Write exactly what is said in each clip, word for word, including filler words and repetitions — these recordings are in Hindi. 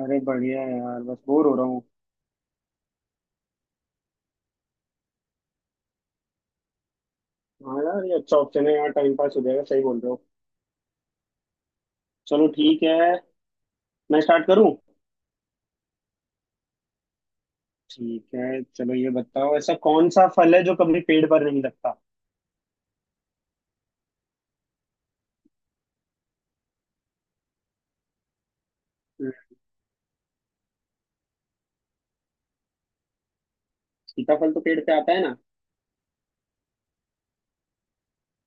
अरे बढ़िया है यार, बस बोर हो रहा हूँ। हाँ यार, ये अच्छा ऑप्शन है यार, टाइम पास हो जाएगा। सही बोल रहे हो। चलो ठीक है। मैं स्टार्ट करूँ? ठीक है चलो, ये बताओ, ऐसा कौन सा फल है जो कभी पेड़ पर नहीं लगता? हम्म। सीताफल तो पेड़ पे आता है ना।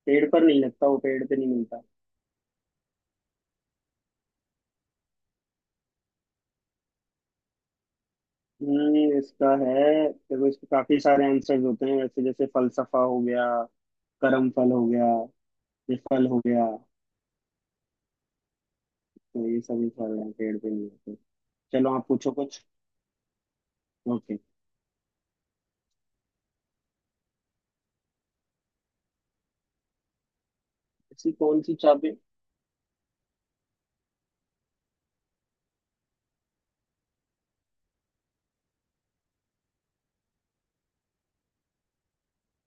पेड़ पर नहीं लगता, वो पेड़ पे नहीं मिलता। हम्म, इसका है। देखो, इसके काफी सारे आंसर्स होते हैं वैसे, जैसे फलसफा हो गया, करम फल हो गया, ये फल हो गया, तो ये सभी फल हैं, पेड़ पे नहीं होते। चलो आप पूछो कुछ। ओके। ऐसी कौन सी चाबी?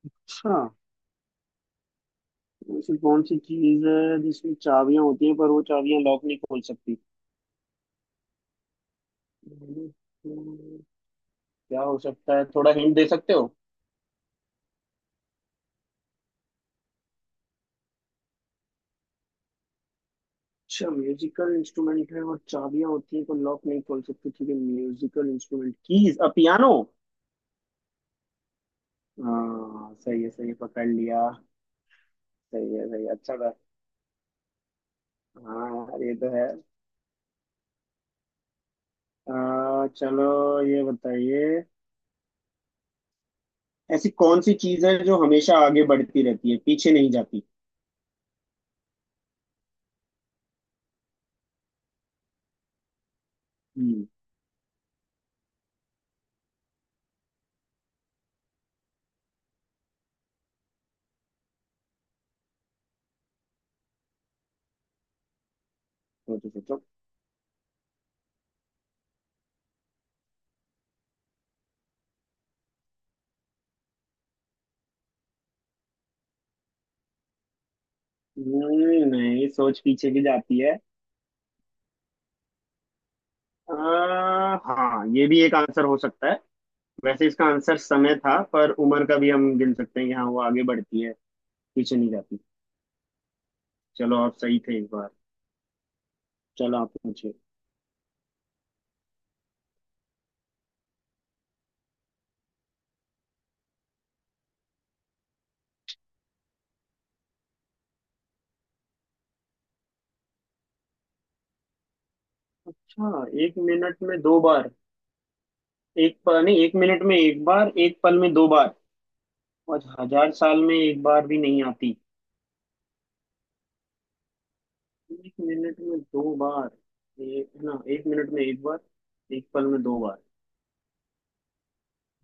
अच्छा, ऐसी कौन सी चीज है जिसमें चाबियां होती हैं पर वो चाबियां लॉक नहीं खोल सकती? हम्म, क्या हो सकता है? थोड़ा हिंट दे सकते हो? अच्छा, म्यूजिकल इंस्ट्रूमेंट है और चाबियां होती हैं पर लॉक नहीं खोल सकती। ठीक है, musical instrument keys, uh piano. हाँ सही है, सही है, पकड़ लिया। सही है सही है, अच्छा था। हाँ यार, ये तो है। आ, चलो ये बताइए, ऐसी कौन सी चीज है जो हमेशा आगे बढ़ती रहती है, पीछे नहीं जाती? हम्म। सोचो सोचो। हम्म, नहीं, सोच पीछे की जाती है। आ, हाँ, ये भी एक आंसर हो सकता है। वैसे इसका आंसर समय था, पर उम्र का भी हम गिन सकते हैं कि हाँ, वो आगे बढ़ती है, पीछे नहीं जाती। चलो आप सही थे एक बार। चलो आप पूछिए। अच्छा, एक मिनट में दो बार। एक पल नहीं, एक मिनट में एक बार, एक पल में दो बार, और हजार साल में एक बार भी नहीं आती। एक मिनट में दो बार, एक ना एक मिनट में एक बार, एक पल में दो बार।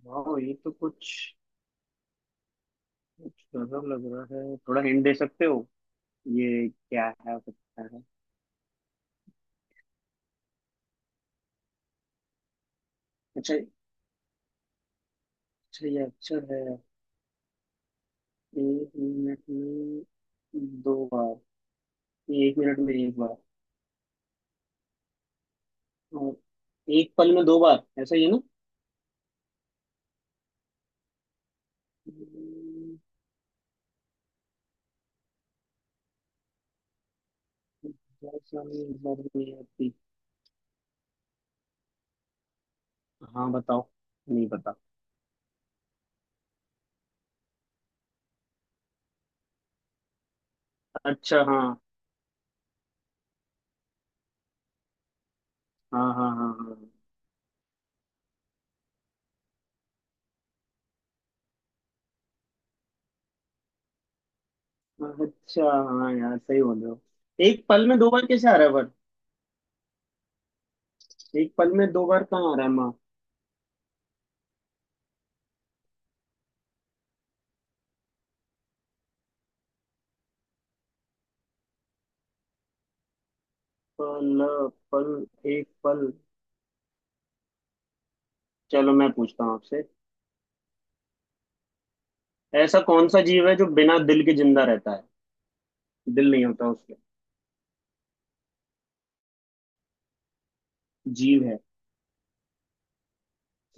वाह, ये तो कुछ कुछ गजब लग रहा है। थोड़ा हिंट दे सकते हो? ये क्या है हो सकता है? अच्छा। अच्छा, ये अक्षर है। एक मिनट में दो बार, एक मिनट में एक बार, और एक पल में दो बार, ऐसा ही है ना? हम्म। बहुत सारी एक बार में नहीं आती। हाँ बताओ, नहीं पता। अच्छा, हाँ हाँ हाँ। हाँ, हाँ, अच्छा, हाँ यार, सही बोल रहे हो। एक पल में दो बार कैसे आ रहा है? पर एक पल में दो बार कहाँ आ रहा है माँ? पल। पल। एक पल। चलो मैं पूछता हूँ आपसे, ऐसा कौन सा जीव है जो बिना दिल के जिंदा रहता है? दिल नहीं होता उसके। जीव है,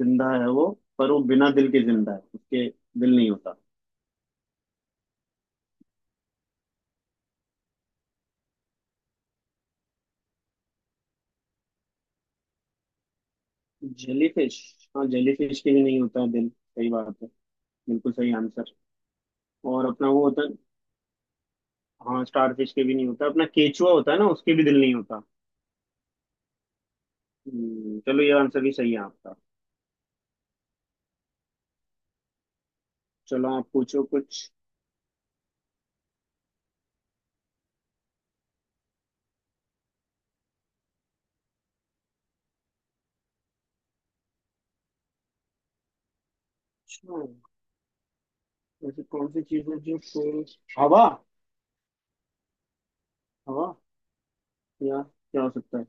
जिंदा है वो, पर वो बिना दिल के जिंदा है, उसके दिल नहीं होता। जेलीफिश। हाँ, जेलीफिश के भी नहीं होता है दिल, सही बात है। बिल्कुल सही आंसर। और अपना वो होता है। हाँ, स्टारफिश के भी नहीं होता। अपना केचुआ होता है ना, उसके भी दिल नहीं होता। हम्म, चलो ये आंसर भी सही है आपका। चलो आप पूछो कुछ। अच्छा, ऐसी कौन सी चीज है जो शोर? हवा? हवा या क्या हो सकता है?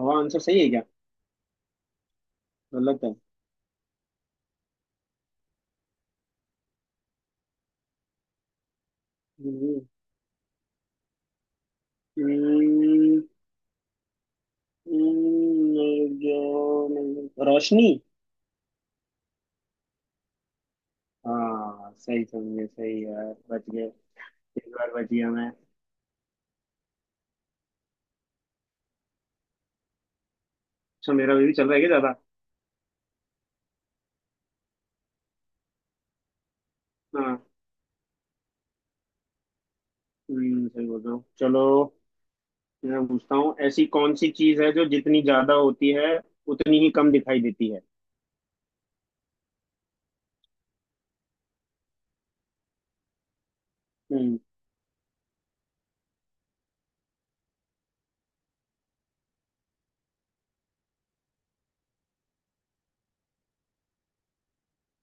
हवा आंसर सही है क्या? गलत है? हम्म। हम्म। हम्म, जो नहीं- रोशनी। हाँ सही समझे, सही यार, बच गए। इस बार बच गया मैं। अच्छा, मेरा भी चल रहा है क्या ज्यादा? हाँ। हम्म, सही बोल रहे हो। चलो मैं पूछता हूँ, ऐसी कौन सी चीज है जो जितनी ज्यादा होती है, उतनी ही कम दिखाई देती है? हम्म।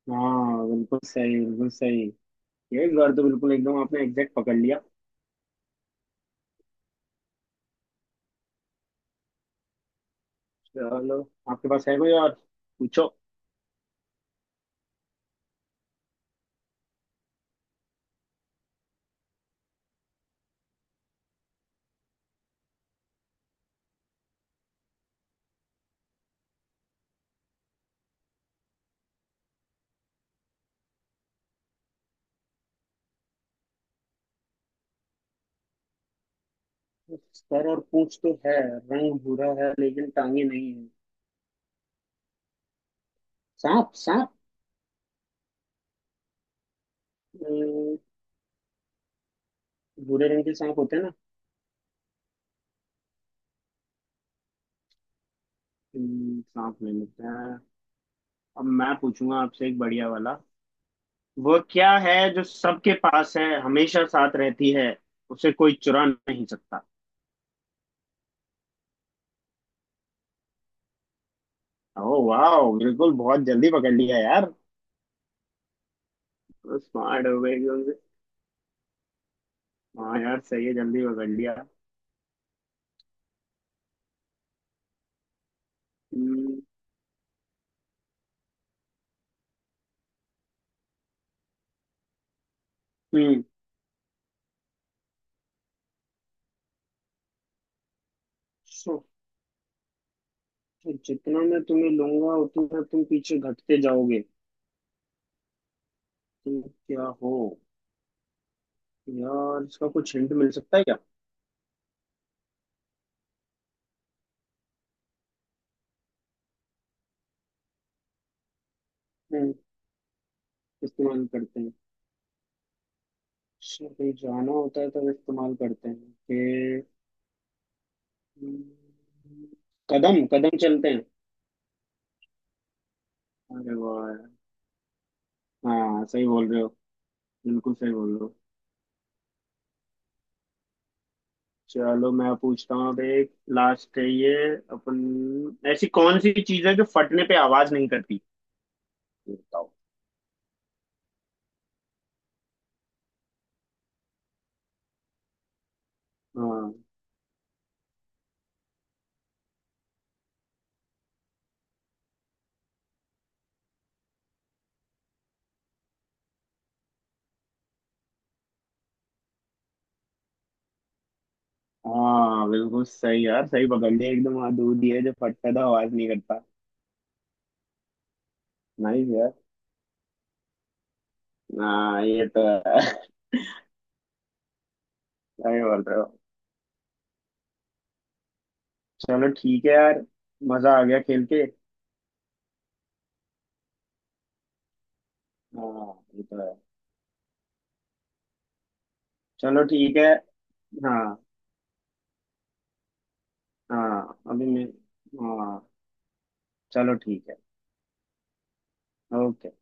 हाँ बिल्कुल सही, बिल्कुल सही। ये एक बार तो बिल्कुल एकदम आपने एग्जैक्ट पकड़ लिया। चलो, आपके पास है कोई और, पूछो। सर और पूंछ तो है, रंग भूरा है, लेकिन टांगे नहीं है। सांप, सांप। अम, भूरे रंग के सांप होते हैं ना। अम, सांप नहीं होते हैं? अब मैं पूछूंगा आपसे एक बढ़िया वाला। वो क्या है जो सबके पास है, हमेशा साथ रहती है, उसे कोई चुरा नहीं सकता? ओ वाह, बिल्कुल, बहुत जल्दी पकड़ लिया यार। स्मार्ट हो गए एकदम से। हाँ यार, सही है, जल्दी पकड़ लिया। हम्म। हम्म। सो- जितना मैं तुम्हें लूंगा उतना तुम पीछे घटते जाओगे, तुम क्या हो? यार इसका कुछ हिंट मिल सकता है क्या? हम्म, इस्तेमाल करते हैं। अच्छा, कहीं जाना होता है तब इस्तेमाल करते हैं फिर। हम्म, कदम कदम चलते हैं। अरे वाह यार। हाँ सही बोल रहे हो, बिल्कुल सही बोल रहे हो। चलो मैं पूछता हूँ अब एक, लास्ट है ये। अपन, ऐसी कौन सी चीज है जो फटने पे आवाज नहीं करती, ये बताओ। हाँ। हाँ बिल्कुल सही यार, सही पकड़ लिया एकदम। हाँ दूध ही है जो फटता था, आवाज नहीं करता। नाइस। हाँ ये तो है। सही बोल रहे हो। चलो ठीक है यार, मजा आ गया खेल के। हाँ ये तो है। चलो ठीक है। हाँ। हाँ अभी मैं, हाँ, चलो ठीक है। ओके।